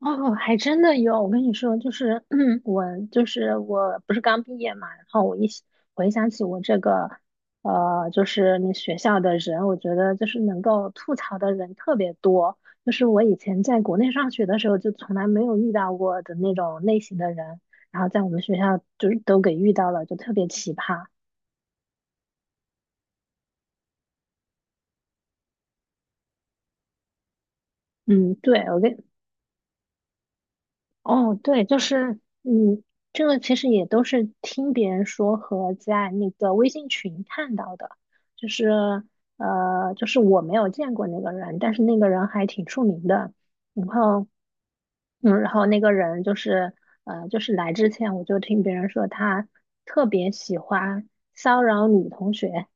哦，还真的有。我跟你说，就是 我，就是我不是刚毕业嘛，然后我一想回想起我这个，就是那学校的人，我觉得就是能够吐槽的人特别多。就是我以前在国内上学的时候，就从来没有遇到过的那种类型的人，然后在我们学校就是都给遇到了，就特别奇葩。嗯，对，哦，对，就是，这个其实也都是听别人说和在那个微信群看到的，就是，我没有见过那个人，但是那个人还挺出名的，然后，然后那个人就是，就是来之前我就听别人说他特别喜欢骚扰女同学，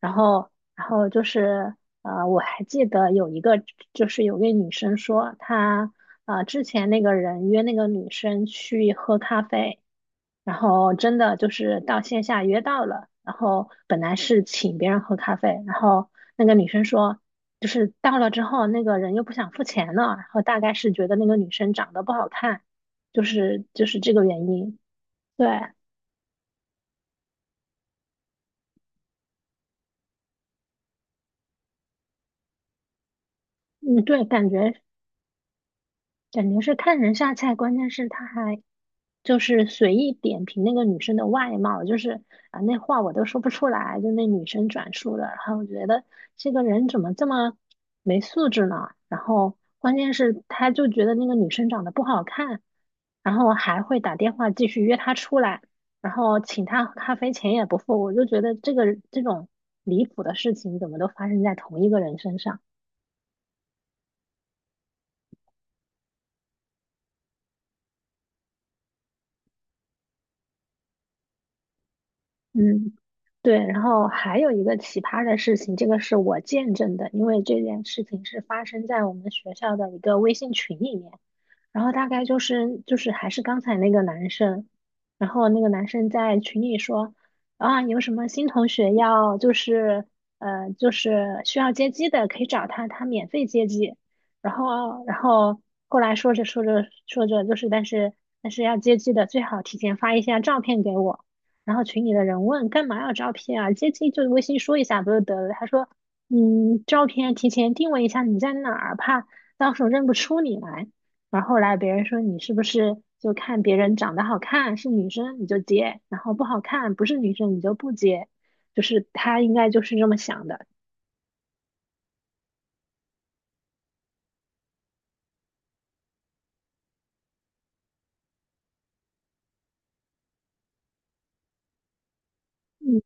然后，我还记得有一个，就是有位女生说，之前那个人约那个女生去喝咖啡，然后真的就是到线下约到了，然后本来是请别人喝咖啡，然后那个女生说，就是到了之后，那个人又不想付钱了，然后大概是觉得那个女生长得不好看，就是这个原因。对，嗯，对，感觉是看人下菜，关键是他还。就是随意点评那个女生的外貌，就是啊，那话我都说不出来，就那女生转述的。然后我觉得这个人怎么这么没素质呢？然后关键是他就觉得那个女生长得不好看，然后还会打电话继续约她出来，然后请她喝咖啡钱也不付。我就觉得这种离谱的事情怎么都发生在同一个人身上。嗯，对，然后还有一个奇葩的事情，这个是我见证的，因为这件事情是发生在我们学校的一个微信群里面。然后大概就是还是刚才那个男生，然后那个男生在群里说啊，有什么新同学要需要接机的，可以找他，他免费接机。然后后来说着说着说着但是要接机的最好提前发一下照片给我。然后群里的人问干嘛要照片啊？接机就微信说一下不就得了？他说嗯，照片提前定位一下你在哪儿，怕到时候认不出你来。然后后来别人说你是不是就看别人长得好看是女生你就接，然后不好看不是女生你就不接，就是他应该就是这么想的。嗯，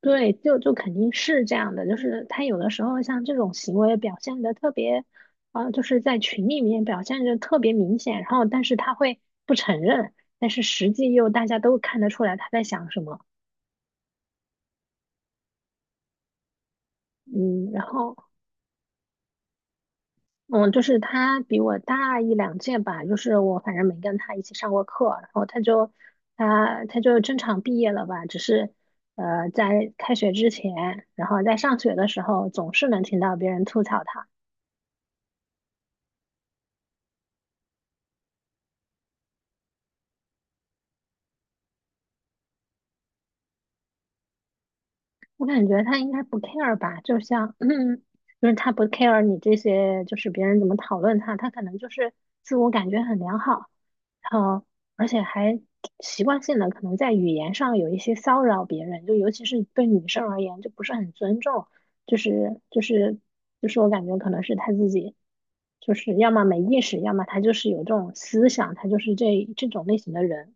对，就肯定是这样的，就是他有的时候像这种行为表现的特别，啊、就是在群里面表现的特别明显，然后但是他会不承认，但是实际又大家都看得出来他在想什么。嗯，然后。嗯，就是他比我大一两届吧，就是我反正没跟他一起上过课，然后他就正常毕业了吧，只是在开学之前，然后在上学的时候总是能听到别人吐槽他。我感觉他应该不 care 吧，就像，就是他不 care 你这些，就是别人怎么讨论他，他可能就是自我感觉很良好，然后而且还习惯性的可能在语言上有一些骚扰别人，就尤其是对女生而言，就不是很尊重，就是就是就是我感觉可能是他自己，就是要么没意识，要么他就是有这种思想，他就是这种类型的人。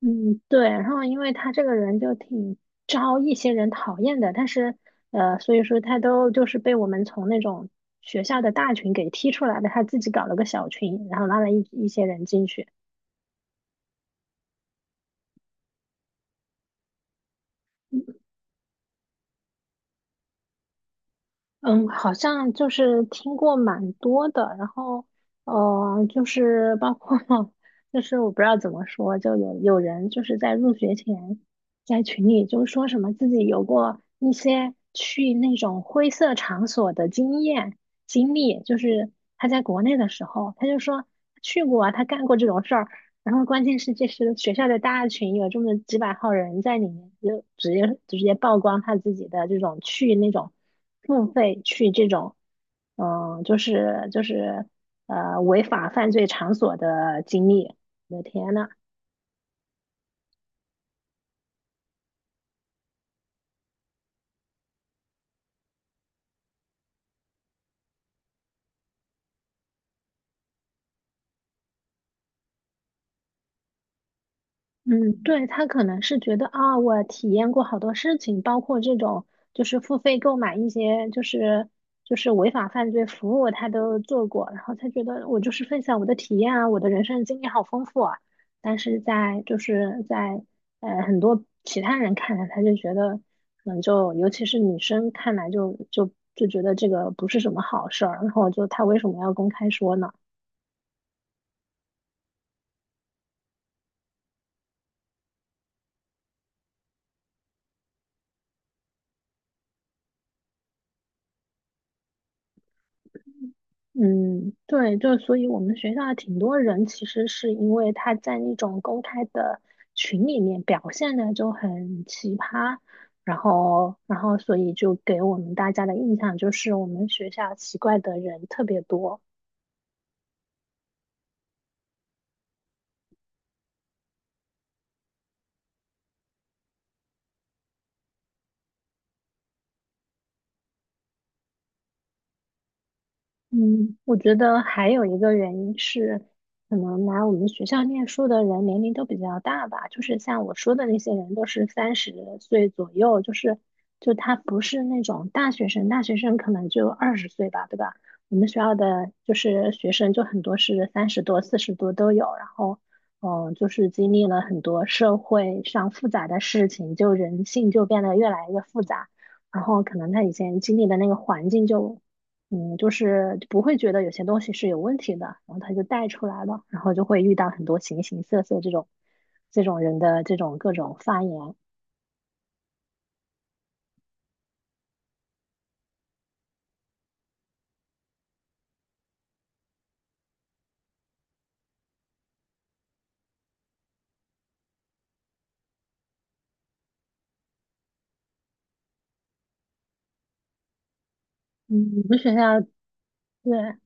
嗯，对，然后因为他这个人就挺招一些人讨厌的，但是所以说他都就是被我们从那种学校的大群给踢出来的，他自己搞了个小群，然后拉了一些人进去。嗯，好像就是听过蛮多的，然后就是包括 就是我不知道怎么说，就有人就是在入学前在群里就说什么自己有过一些去那种灰色场所的经历，就是他在国内的时候，他就说去过啊，他干过这种事儿，然后关键是这是学校的大群，有这么几百号人在里面，就直接曝光他自己的这种去那种。付费去这种，嗯，就是违法犯罪场所的经历。我的天呐，嗯，对，他可能是觉得啊，我体验过好多事情，包括这种就是付费购买一些就是违法犯罪服务，他都做过，然后他觉得我就是分享我的体验啊，我的人生经历好丰富啊。但是在很多其他人看来，他就觉得可能就尤其是女生看来就觉得这个不是什么好事儿，然后就他为什么要公开说呢？嗯，对，就所以我们学校的挺多人其实是因为他在那种公开的群里面表现的就很奇葩，然后所以就给我们大家的印象就是我们学校奇怪的人特别多。嗯，我觉得还有一个原因是，可能来我们学校念书的人年龄都比较大吧，就是像我说的那些人都是30岁左右，就他不是那种大学生，大学生可能就20岁吧，对吧？我们学校的就是学生就很多是30多、40多都有，然后就是经历了很多社会上复杂的事情，就人性就变得越来越复杂。然后可能他以前经历的那个环境就就是不会觉得有些东西是有问题的，然后他就带出来了，然后就会遇到很多形形色色这种人的这种各种发言。嗯，我们学校对，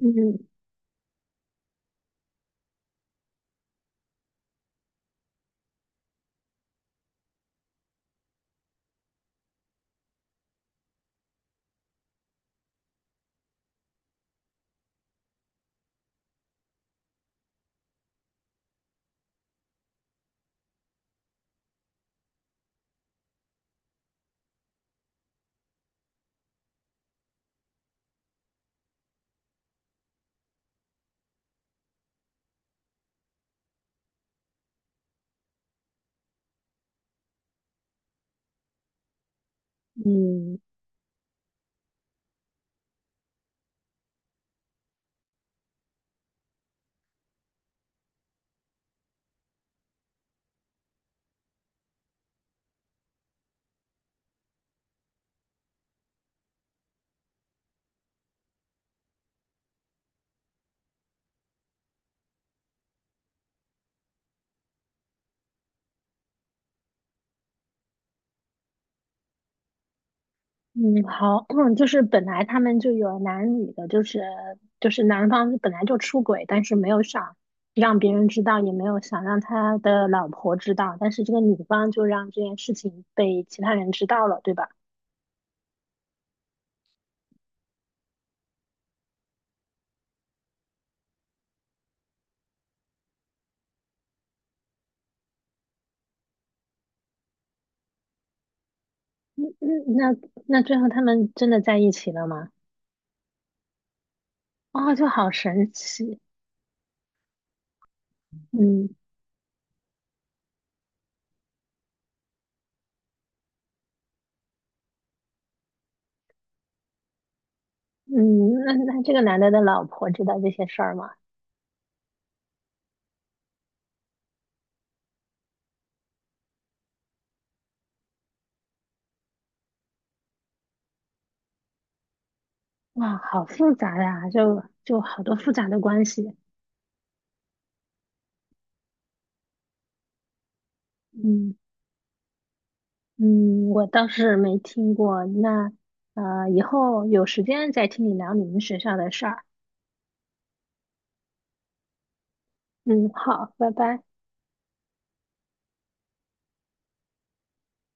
嗯嗯嗯，好，就是本来他们就有男女的，就是男方本来就出轨，但是没有想让别人知道，也没有想让他的老婆知道，但是这个女方就让这件事情被其他人知道了，对吧？嗯嗯，那最后他们真的在一起了吗？哦，就好神奇。嗯嗯，那这个男的的老婆知道这些事儿吗？哇，好复杂呀，就好多复杂的关系。嗯嗯，我倒是没听过。那以后有时间再听你聊你们学校的事儿。嗯，好，拜拜。